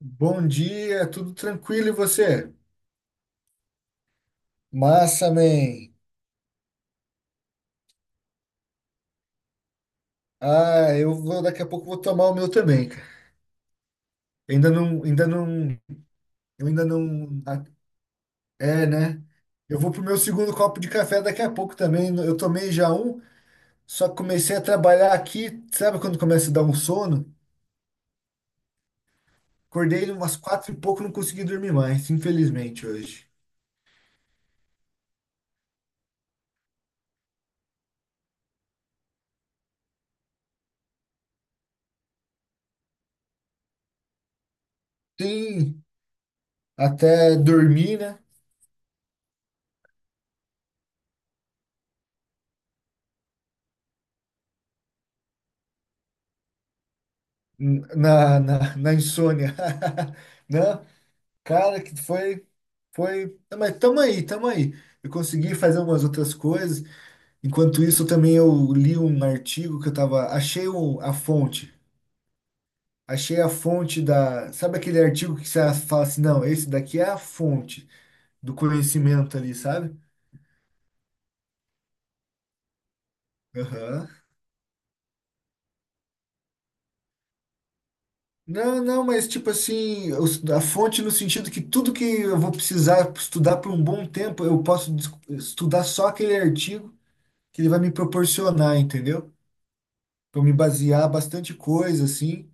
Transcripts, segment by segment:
Bom dia, tudo tranquilo e você? Massa, man. Ah, eu vou, daqui a pouco vou tomar o meu também, cara. Ainda não, eu ainda não, é, né? Eu vou pro meu segundo copo de café daqui a pouco também. Eu tomei já um, só que comecei a trabalhar aqui, sabe quando começa a dar um sono? Acordei umas quatro e pouco, não consegui dormir mais, infelizmente hoje. Sim, até dormir, né? Na insônia. Não? Cara, que foi, foi, ah, mas tamo aí, tamo aí. Eu consegui fazer umas outras coisas. Enquanto isso, também eu li um artigo que eu tava, achei a fonte, achei a fonte da, sabe aquele artigo que você fala assim, não, esse daqui é a fonte do conhecimento ali, sabe? Aham. Não, não, mas tipo assim, a fonte no sentido que tudo que eu vou precisar estudar por um bom tempo, eu posso des- estudar só aquele artigo que ele vai me proporcionar, entendeu? Para me basear bastante coisa, assim.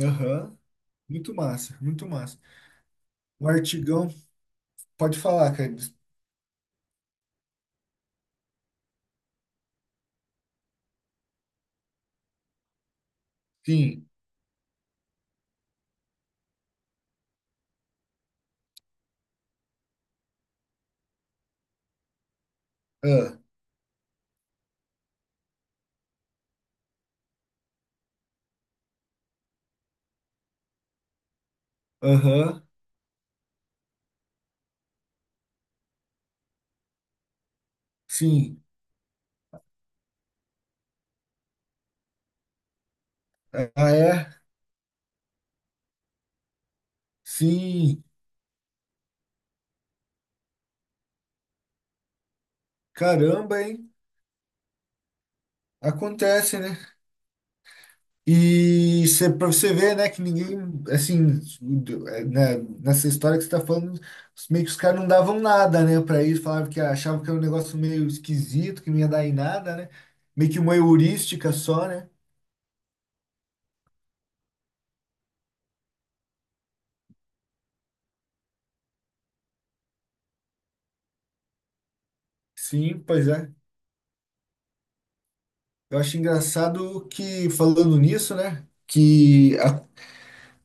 Aham. Muito massa, muito massa. Um artigão, pode falar, cara. Sim. Ah. Aham. Sim. Ah, é? Sim. Caramba, hein? Acontece, né? E cê, pra você ver, né, que ninguém, assim, é, né, nessa história que você tá falando, meio que os caras não davam nada, né, pra isso, falavam que achavam que era um negócio meio esquisito, que não ia dar em nada, né? Meio que uma heurística só, né? Sim, pois é. Eu acho engraçado que, falando nisso, né,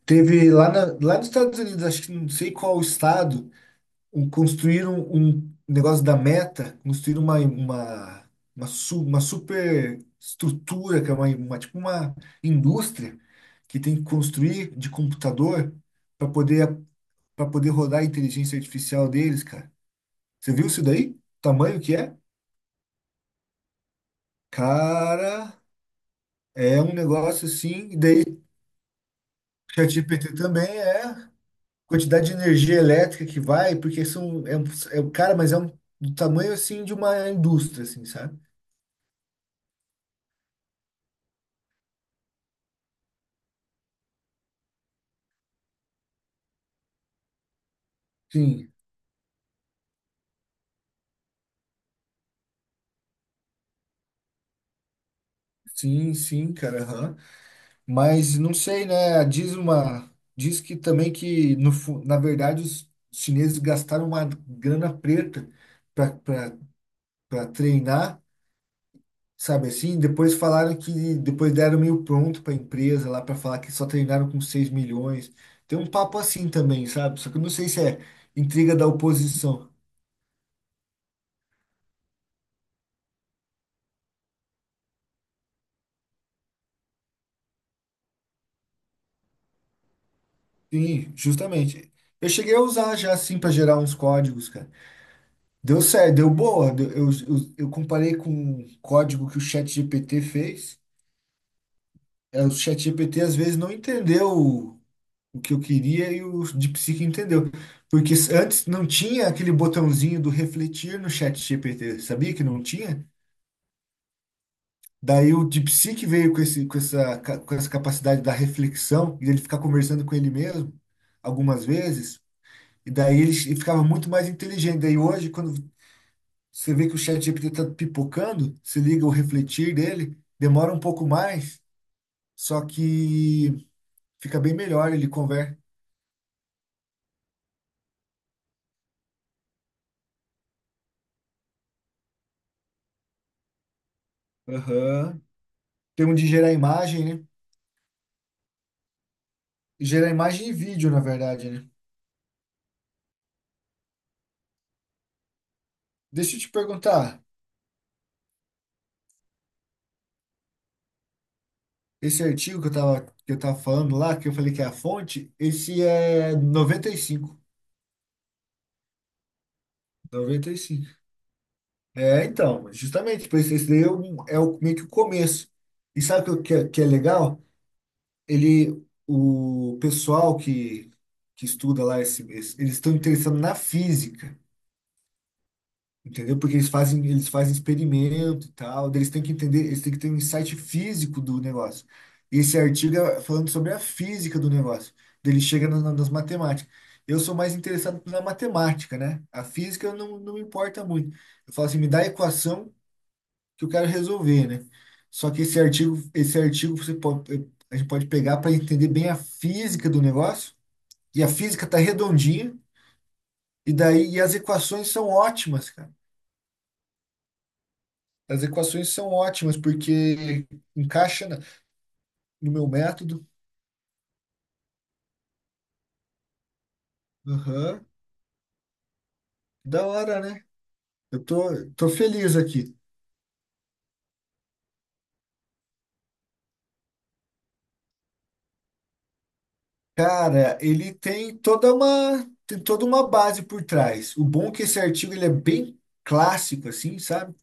teve lá, lá nos Estados Unidos, acho que não sei qual estado, construíram um negócio da Meta, construíram uma super estrutura, que é tipo uma indústria que tem que construir de computador para poder, para poder rodar a inteligência artificial deles, cara. Você viu isso daí? O tamanho que é? Cara, é um negócio assim, e daí ChatGPT também é. Quantidade de energia elétrica que vai, porque são, cara, mas é um, do tamanho, assim, de uma indústria, assim, sabe? Sim, sim, sim, cara, aham. Mas não sei, né? Diz uma, diz que também que no, fu- na verdade os chineses gastaram uma grana preta para treinar, sabe assim? Depois falaram que depois deram meio pronto para a empresa lá para falar que só treinaram com 6 milhões. Tem um papo assim também, sabe? Só que eu não sei se é intriga da oposição. Sim, justamente. Eu cheguei a usar já assim para gerar uns códigos, cara. Deu certo, deu boa. Eu comparei com um código que o ChatGPT fez. É, o ChatGPT às vezes não entendeu o que eu queria e o DeepSeek entendeu. Porque antes não tinha aquele botãozinho do refletir no ChatGPT, sabia que não tinha? Daí o DeepSeek veio com esse, com essa, ca- com essa capacidade da reflexão e ele ficar conversando com ele mesmo algumas vezes. E daí ele ficava muito mais inteligente. Daí hoje, quando você vê que o Chat GPT está pipocando, você liga o refletir dele, demora um pouco mais, só que fica bem melhor, ele conversa. Aham. Tem um de gerar imagem, né? Gerar imagem e vídeo, na verdade, né? Deixa eu te perguntar, esse artigo que eu tava falando lá, que eu falei que é a fonte, esse é 95. 95. É, então, justamente, por isso, esse daí é o, meio que o começo. E sabe o que, que é legal? Ele, o pessoal que estuda lá, eles estão interessados na física, entendeu? Porque eles fazem experimento e tal, daí eles têm que entender, eles têm que ter um insight físico do negócio. E esse artigo é falando sobre a física do negócio, daí ele chega nas matemáticas. Eu sou mais interessado na matemática, né? A física não, não me importa muito. Eu falo assim, me dá a equação que eu quero resolver, né? Só que esse artigo você pode, a gente pode pegar para entender bem a física do negócio, e a física está redondinha, e daí as equações são ótimas, cara. As equações são ótimas, porque encaixa no meu método. Aham. Da hora, né? Eu tô feliz aqui. Cara, ele tem toda uma base por trás. O bom é que esse artigo ele é bem clássico, assim, sabe?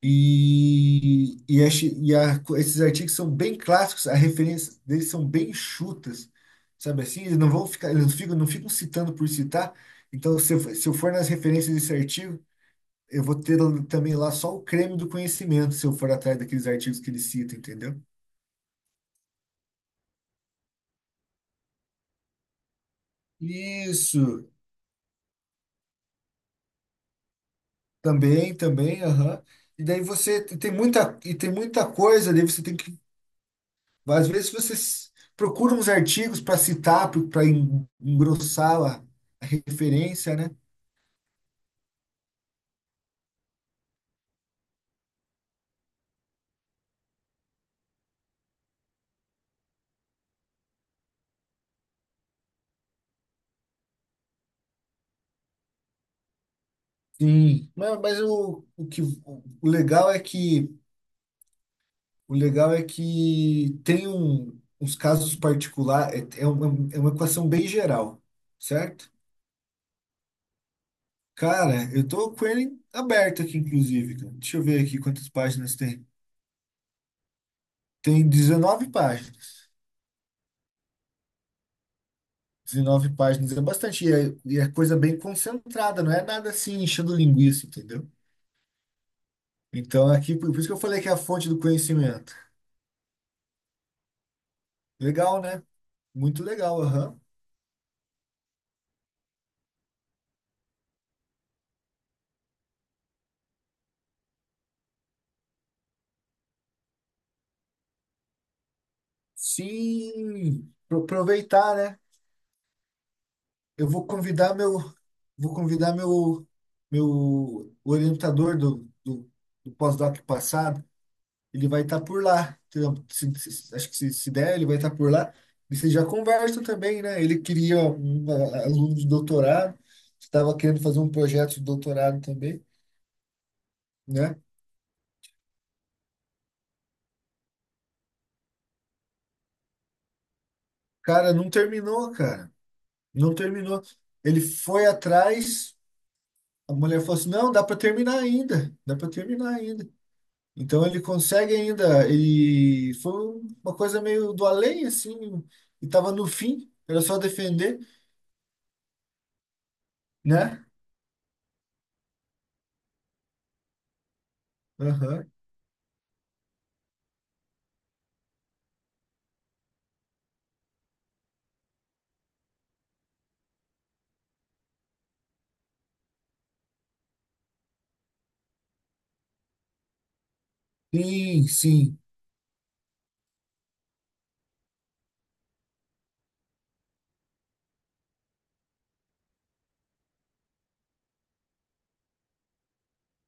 Esses artigos são bem clássicos, a referência deles são bem chutas, sabe assim? Eles não vão ficar, eles não ficam citando por citar. Então, se eu for nas referências desse artigo, eu vou ter também lá só o creme do conhecimento, se eu for atrás daqueles artigos que eles citam, entendeu? Isso, também, também, aham. E daí você tem muita, e tem muita coisa, daí você tem que, às vezes você procura uns artigos para citar, para engrossar a referência, né? Sim. Mas o que o legal é que tem uns casos particulares, é uma equação bem geral, certo? Cara, eu tô com ele aberto aqui, inclusive, cara. Deixa eu ver aqui quantas páginas tem. Tem 19 páginas. 19 páginas é bastante, e é coisa bem concentrada, não é nada assim enchendo linguiça, entendeu? Então, aqui, por isso que eu falei que é a fonte do conhecimento. Legal, né? Muito legal, aham. Sim, aproveitar, né? Eu vou convidar meu orientador do pós-doc passado. Ele vai estar por lá, entendeu? Acho que se der, ele vai estar por lá. E vocês já conversam também, né? Ele queria um aluno de doutorado, estava querendo fazer um projeto de doutorado também, né? Cara, não terminou, cara. Não terminou. Ele foi atrás, a mulher falou assim: não, dá para terminar ainda, dá para terminar ainda. Então ele consegue ainda, ele foi uma coisa meio do além, assim, e tava no fim, era só defender, né? Aham. Sim, sim,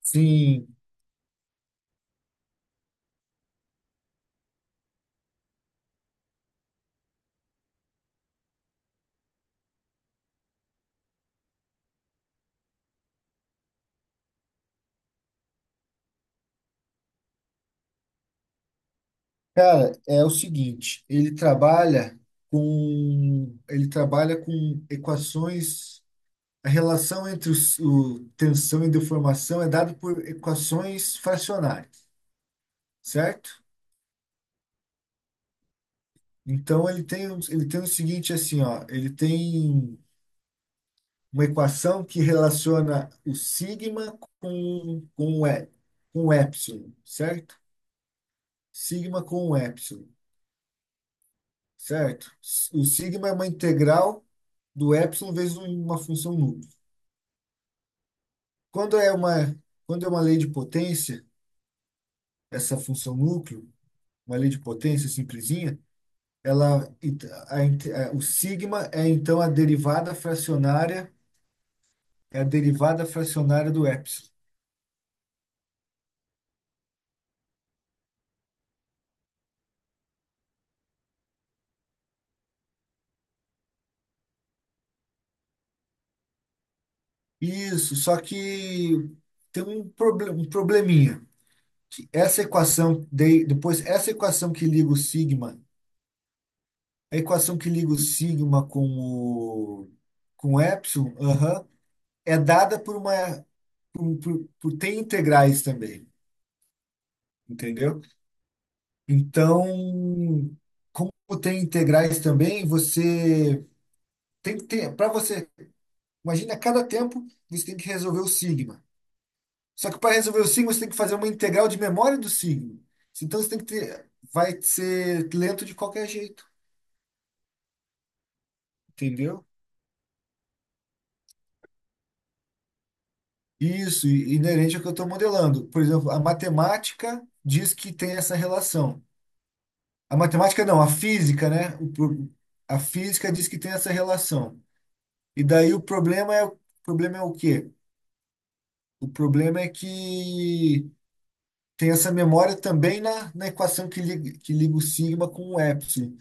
sim. Cara, é o seguinte, ele trabalha com equações, a relação entre o tensão e deformação é dada por equações fracionárias, certo? Então ele tem o seguinte assim, ó, ele tem uma equação que relaciona o sigma com o epsilon, certo? Sigma com o epsilon, certo? O sigma é uma integral do epsilon vezes uma função núcleo. Quando é uma, quando é uma lei de potência, essa função núcleo, uma lei de potência simplesinha, ela, o sigma é então a derivada fracionária. É a derivada fracionária do epsilon. Isso, só que tem um probleminha. Que essa equação, de, depois, essa equação que liga o sigma, a equação que liga o sigma com o epsilon, aham, é dada por uma. Tem integrais também, entendeu? Então, como tem integrais também, você tem que ter. Para você, imagina, a cada tempo você tem que resolver o sigma. Só que para resolver o signo, você tem que fazer uma integral de memória do signo. Então você tem que ter. Vai ser lento de qualquer jeito, entendeu? Isso, inerente ao que eu estou modelando. Por exemplo, a matemática diz que tem essa relação. A matemática não, a física, né? A física diz que tem essa relação. E daí o problema é, o quê? O problema é que tem essa memória também na equação que liga o sigma com o epsilon.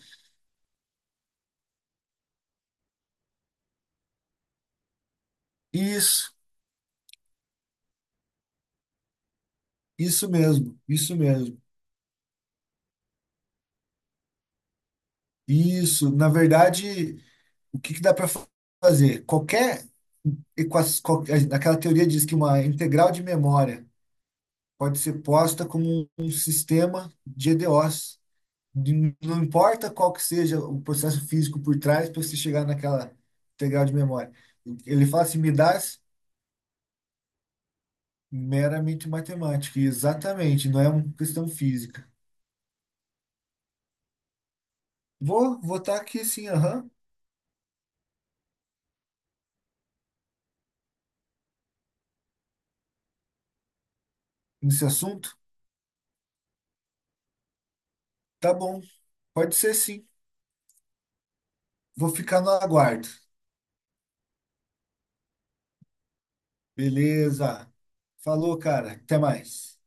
Isso. Isso mesmo, isso mesmo. Isso, na verdade, o que que dá para fazer? Equa- Aquela teoria diz que uma integral de memória pode ser posta como um sistema de EDOs. Não importa qual que seja o processo físico por trás para você chegar naquela integral de memória. Ele fala assim, me dá meramente matemática. E exatamente, não é uma questão física. Vou votar aqui sim, aham, nesse assunto. Tá bom, pode ser sim. Vou ficar no aguardo. Beleza. Falou, cara. Até mais.